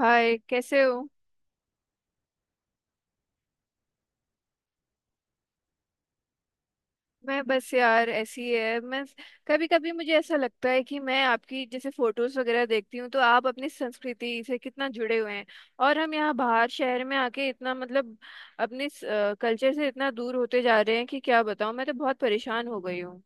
हाय, कैसे हो। मैं बस यार ऐसी ही है। मैं कभी कभी मुझे ऐसा लगता है कि मैं आपकी जैसे फोटोज वगैरह देखती हूँ तो आप अपनी संस्कृति से कितना जुड़े हुए हैं। और हम यहाँ बाहर शहर में आके इतना मतलब अपने कल्चर से इतना दूर होते जा रहे हैं कि क्या बताऊँ, मैं तो बहुत परेशान हो गई हूँ।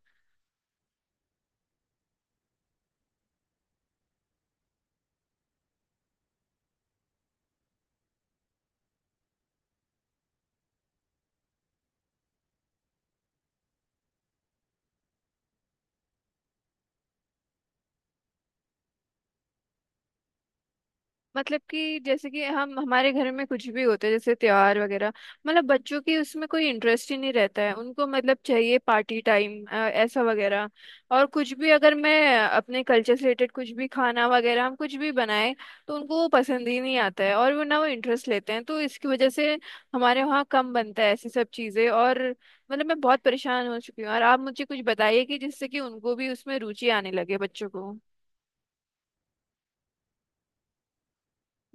मतलब कि जैसे कि हम हमारे घर में कुछ भी होते है जैसे त्योहार वगैरह, मतलब बच्चों की उसमें कोई इंटरेस्ट ही नहीं रहता है, उनको मतलब चाहिए पार्टी टाइम ऐसा वगैरह। और कुछ भी, अगर मैं अपने कल्चर से रिलेटेड कुछ भी खाना वगैरह हम कुछ भी बनाए तो उनको वो पसंद ही नहीं आता है, और वो ना वो इंटरेस्ट लेते हैं, तो इसकी वजह से हमारे वहाँ कम बनता है ऐसी सब चीज़ें। और मतलब मैं बहुत परेशान हो चुकी हूँ, और आप मुझे कुछ बताइए कि जिससे कि उनको भी उसमें रुचि आने लगे, बच्चों को।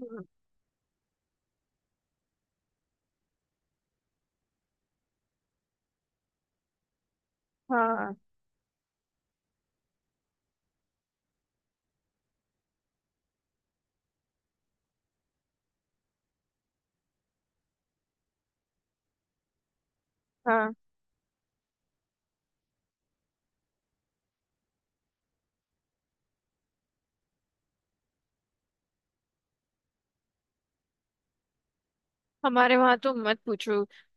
हम्म, हाँ। हाँ, हमारे वहां तो मत पूछो।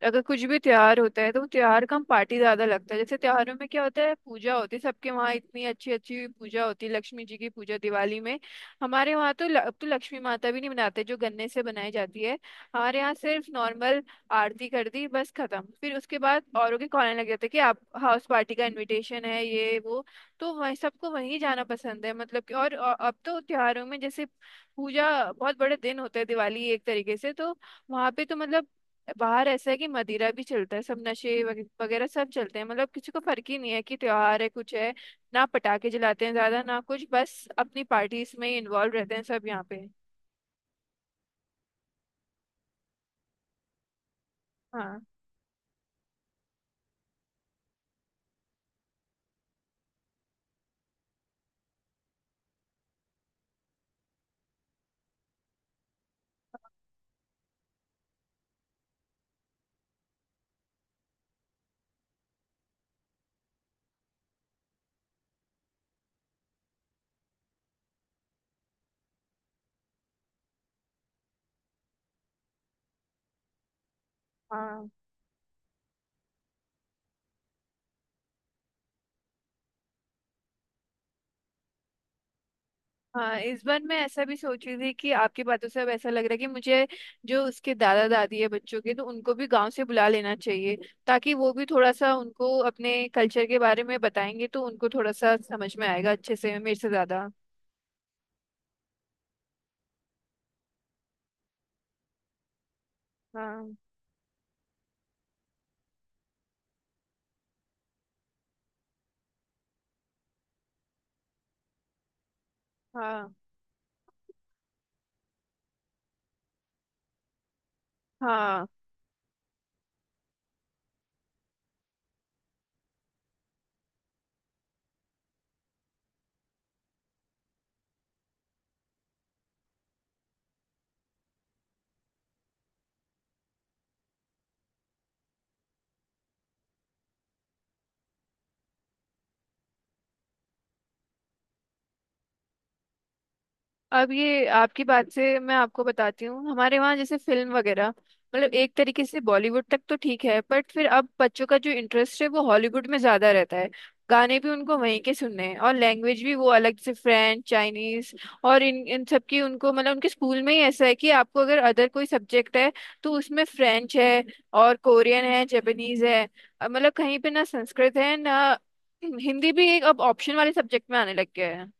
अगर कुछ भी त्योहार होता है तो वो त्योहार का हम पार्टी ज्यादा लगता है। जैसे त्योहारों में क्या होता है, पूजा होती है, सबके वहाँ इतनी अच्छी अच्छी पूजा होती है, लक्ष्मी जी की पूजा दिवाली में। हमारे वहाँ तो अब तो लक्ष्मी माता भी नहीं बनाते जो गन्ने से बनाई जाती है। हमारे यहाँ सिर्फ नॉर्मल आरती कर दी, बस खत्म। फिर उसके बाद औरों के कॉलने लग जाते हैं कि आप हाउस पार्टी का इनविटेशन है, ये वो। तो वही सबको वहीं जाना पसंद है, मतलब कि। और अब तो त्योहारों में जैसे पूजा बहुत बड़े दिन होते हैं, दिवाली एक तरीके से, तो वहां पे तो मतलब बाहर ऐसा है कि मदिरा भी चलता है, सब नशे वगैरह सब चलते हैं, मतलब किसी को फर्क ही नहीं है कि त्योहार है कुछ है। ना पटाखे जलाते हैं ज्यादा, ना कुछ, बस अपनी पार्टीज में ही इन्वॉल्व रहते हैं सब यहाँ पे। हाँ। हाँ, हाँ, इस बार मैं ऐसा भी सोच रही थी कि आपकी बातों से अब ऐसा लग रहा है कि मुझे जो उसके दादा दादी है बच्चों के, तो उनको भी गांव से बुला लेना चाहिए। ताकि वो भी थोड़ा सा उनको अपने कल्चर के बारे में बताएंगे तो उनको थोड़ा सा समझ में आएगा अच्छे से मेरे से ज्यादा। हाँ। हाँ, हाँ, अब ये आपकी बात से मैं आपको बताती हूँ, हमारे वहाँ जैसे फिल्म वगैरह, मतलब एक तरीके से बॉलीवुड तक तो ठीक है, बट फिर अब बच्चों का जो इंटरेस्ट है वो हॉलीवुड में ज्यादा रहता है। गाने भी उनको वहीं के सुनने हैं, और लैंग्वेज भी वो अलग से फ्रेंच चाइनीज, और इन इन सब की उनको, मतलब उनके स्कूल में ही ऐसा है कि आपको अगर अदर कोई सब्जेक्ट है तो उसमें फ्रेंच है, और कोरियन है, जापानीज है, मतलब कहीं पे ना संस्कृत है ना हिंदी भी, एक अब ऑप्शन वाले सब्जेक्ट में आने लग गया है।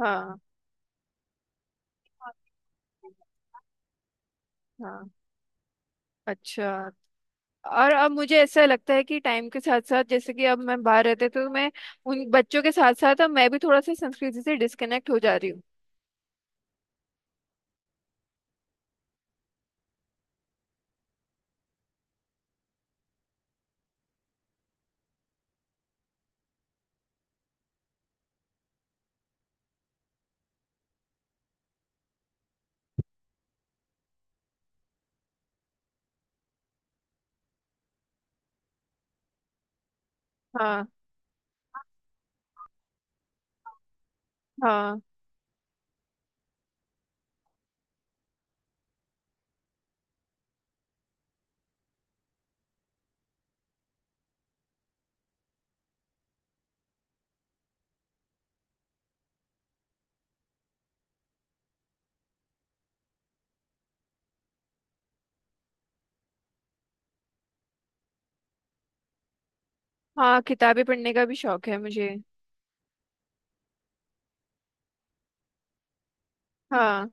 हाँ। हाँ। अच्छा। और अब मुझे ऐसा लगता है कि टाइम के साथ साथ, जैसे कि अब मैं बाहर रहते तो मैं उन बच्चों के साथ साथ अब मैं भी थोड़ा सा संस्कृति से डिस्कनेक्ट हो जा रही हूँ। हाँ, हाँ। हाँ, किताबें पढ़ने का भी शौक है मुझे। हाँ,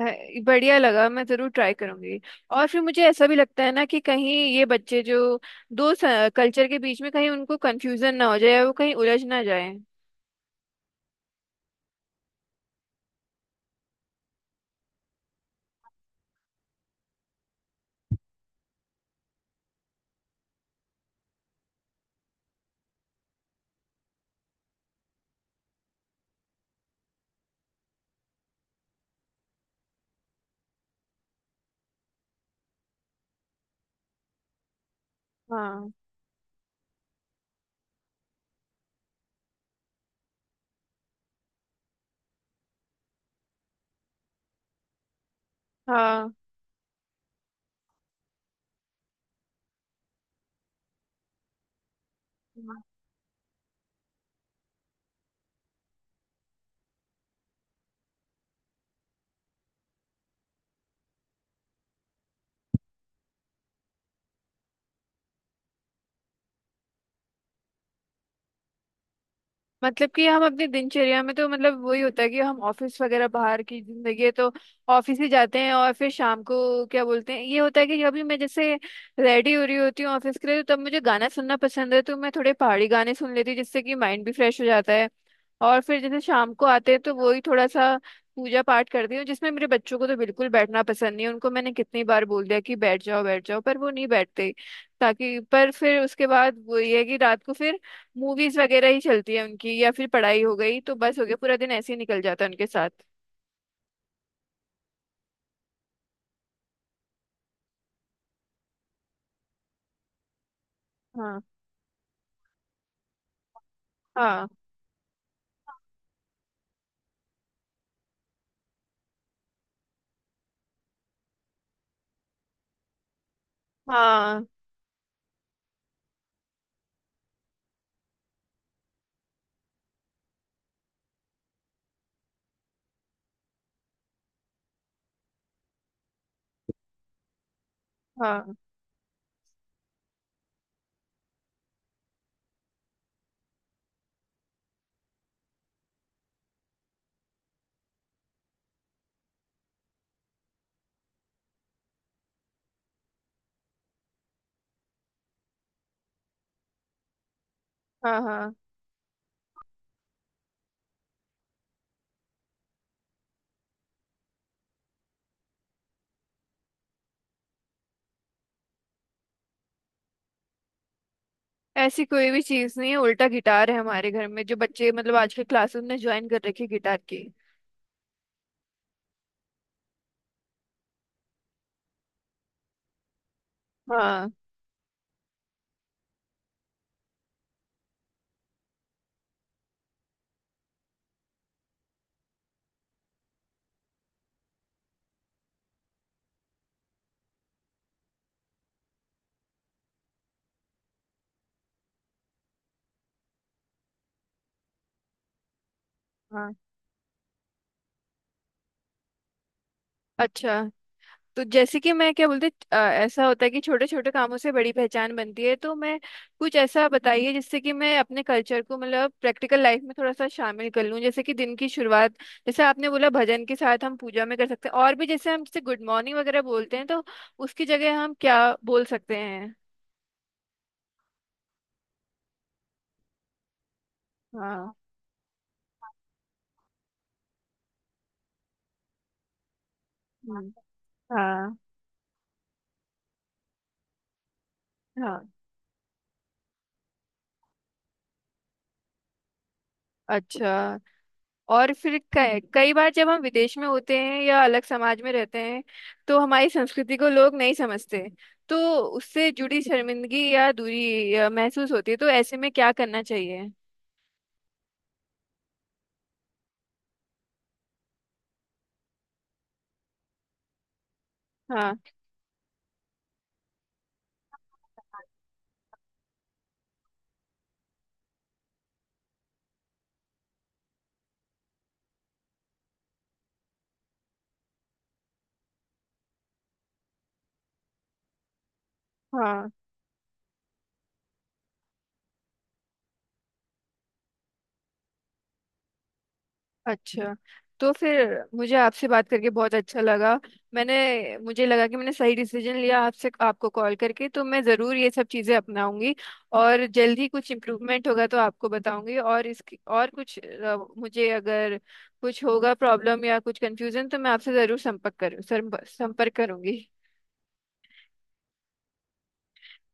बढ़िया लगा, मैं जरूर ट्राई करूंगी। और फिर मुझे ऐसा भी लगता है ना कि कहीं ये बच्चे जो दो कल्चर के बीच में कहीं उनको कंफ्यूजन ना हो जाए, वो कहीं उलझ ना जाए। हाँ। हाँ, मतलब कि हम अपनी दिनचर्या में तो मतलब वही होता है कि हम ऑफिस वगैरह, बाहर की जिंदगी है तो ऑफिस ही जाते हैं। और फिर शाम को क्या बोलते हैं, ये होता है कि अभी मैं जैसे रेडी हो रही होती हूँ ऑफिस के लिए तो तब मुझे गाना सुनना पसंद है, तो मैं थोड़े पहाड़ी गाने सुन लेती हूँ जिससे कि माइंड भी फ्रेश हो जाता है। और फिर जैसे शाम को आते हैं तो वही थोड़ा सा पूजा पाठ करती हूँ, जिसमें मेरे बच्चों को तो बिल्कुल बैठना पसंद नहीं है। उनको मैंने कितनी बार बोल दिया कि बैठ जाओ बैठ जाओ, पर वो नहीं बैठते। ताकि पर फिर उसके बाद वो ये है कि रात को फिर मूवीज वगैरह ही चलती है उनकी, या फिर पढ़ाई हो गई तो बस हो गया, पूरा दिन ऐसे ही निकल जाता है उनके साथ। हाँ। हाँ, हाँ। हाँ, हाँ, हाँ, ऐसी कोई भी चीज नहीं है। उल्टा गिटार है हमारे घर में, जो बच्चे मतलब आजकल क्लासेस में ज्वाइन कर रखी है गिटार की। हाँ। हाँ। अच्छा, तो जैसे कि मैं क्या बोलते, ऐसा होता है कि छोटे छोटे कामों से बड़ी पहचान बनती है। तो मैं कुछ ऐसा बताइए जिससे कि मैं अपने कल्चर को मतलब प्रैक्टिकल लाइफ में थोड़ा सा शामिल कर लूँ, जैसे कि दिन की शुरुआत, जैसे आपने बोला भजन के साथ हम पूजा में कर सकते हैं। और भी जैसे हम, जैसे गुड मॉर्निंग वगैरह बोलते हैं तो उसकी जगह हम क्या बोल सकते हैं। हाँ। हम्म, हाँ। हाँ, अच्छा, और फिर कई कई बार जब हम विदेश में होते हैं या अलग समाज में रहते हैं, तो हमारी संस्कृति को लोग नहीं समझते, तो उससे जुड़ी शर्मिंदगी या दूरी महसूस होती है, तो ऐसे में क्या करना चाहिए। हाँ, हाँ। अच्छा, तो फिर मुझे आपसे बात करके बहुत अच्छा लगा। मैंने मुझे लगा कि मैंने सही डिसीजन लिया आपसे, आपको कॉल करके, तो मैं ज़रूर ये सब चीज़ें अपनाऊंगी। और जल्द ही कुछ इम्प्रूवमेंट होगा तो आपको बताऊंगी, और इसकी और कुछ, मुझे अगर कुछ होगा प्रॉब्लम या कुछ कंफ्यूजन तो मैं आपसे ज़रूर संपर्क करूंगी।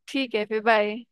ठीक है, फिर बाय।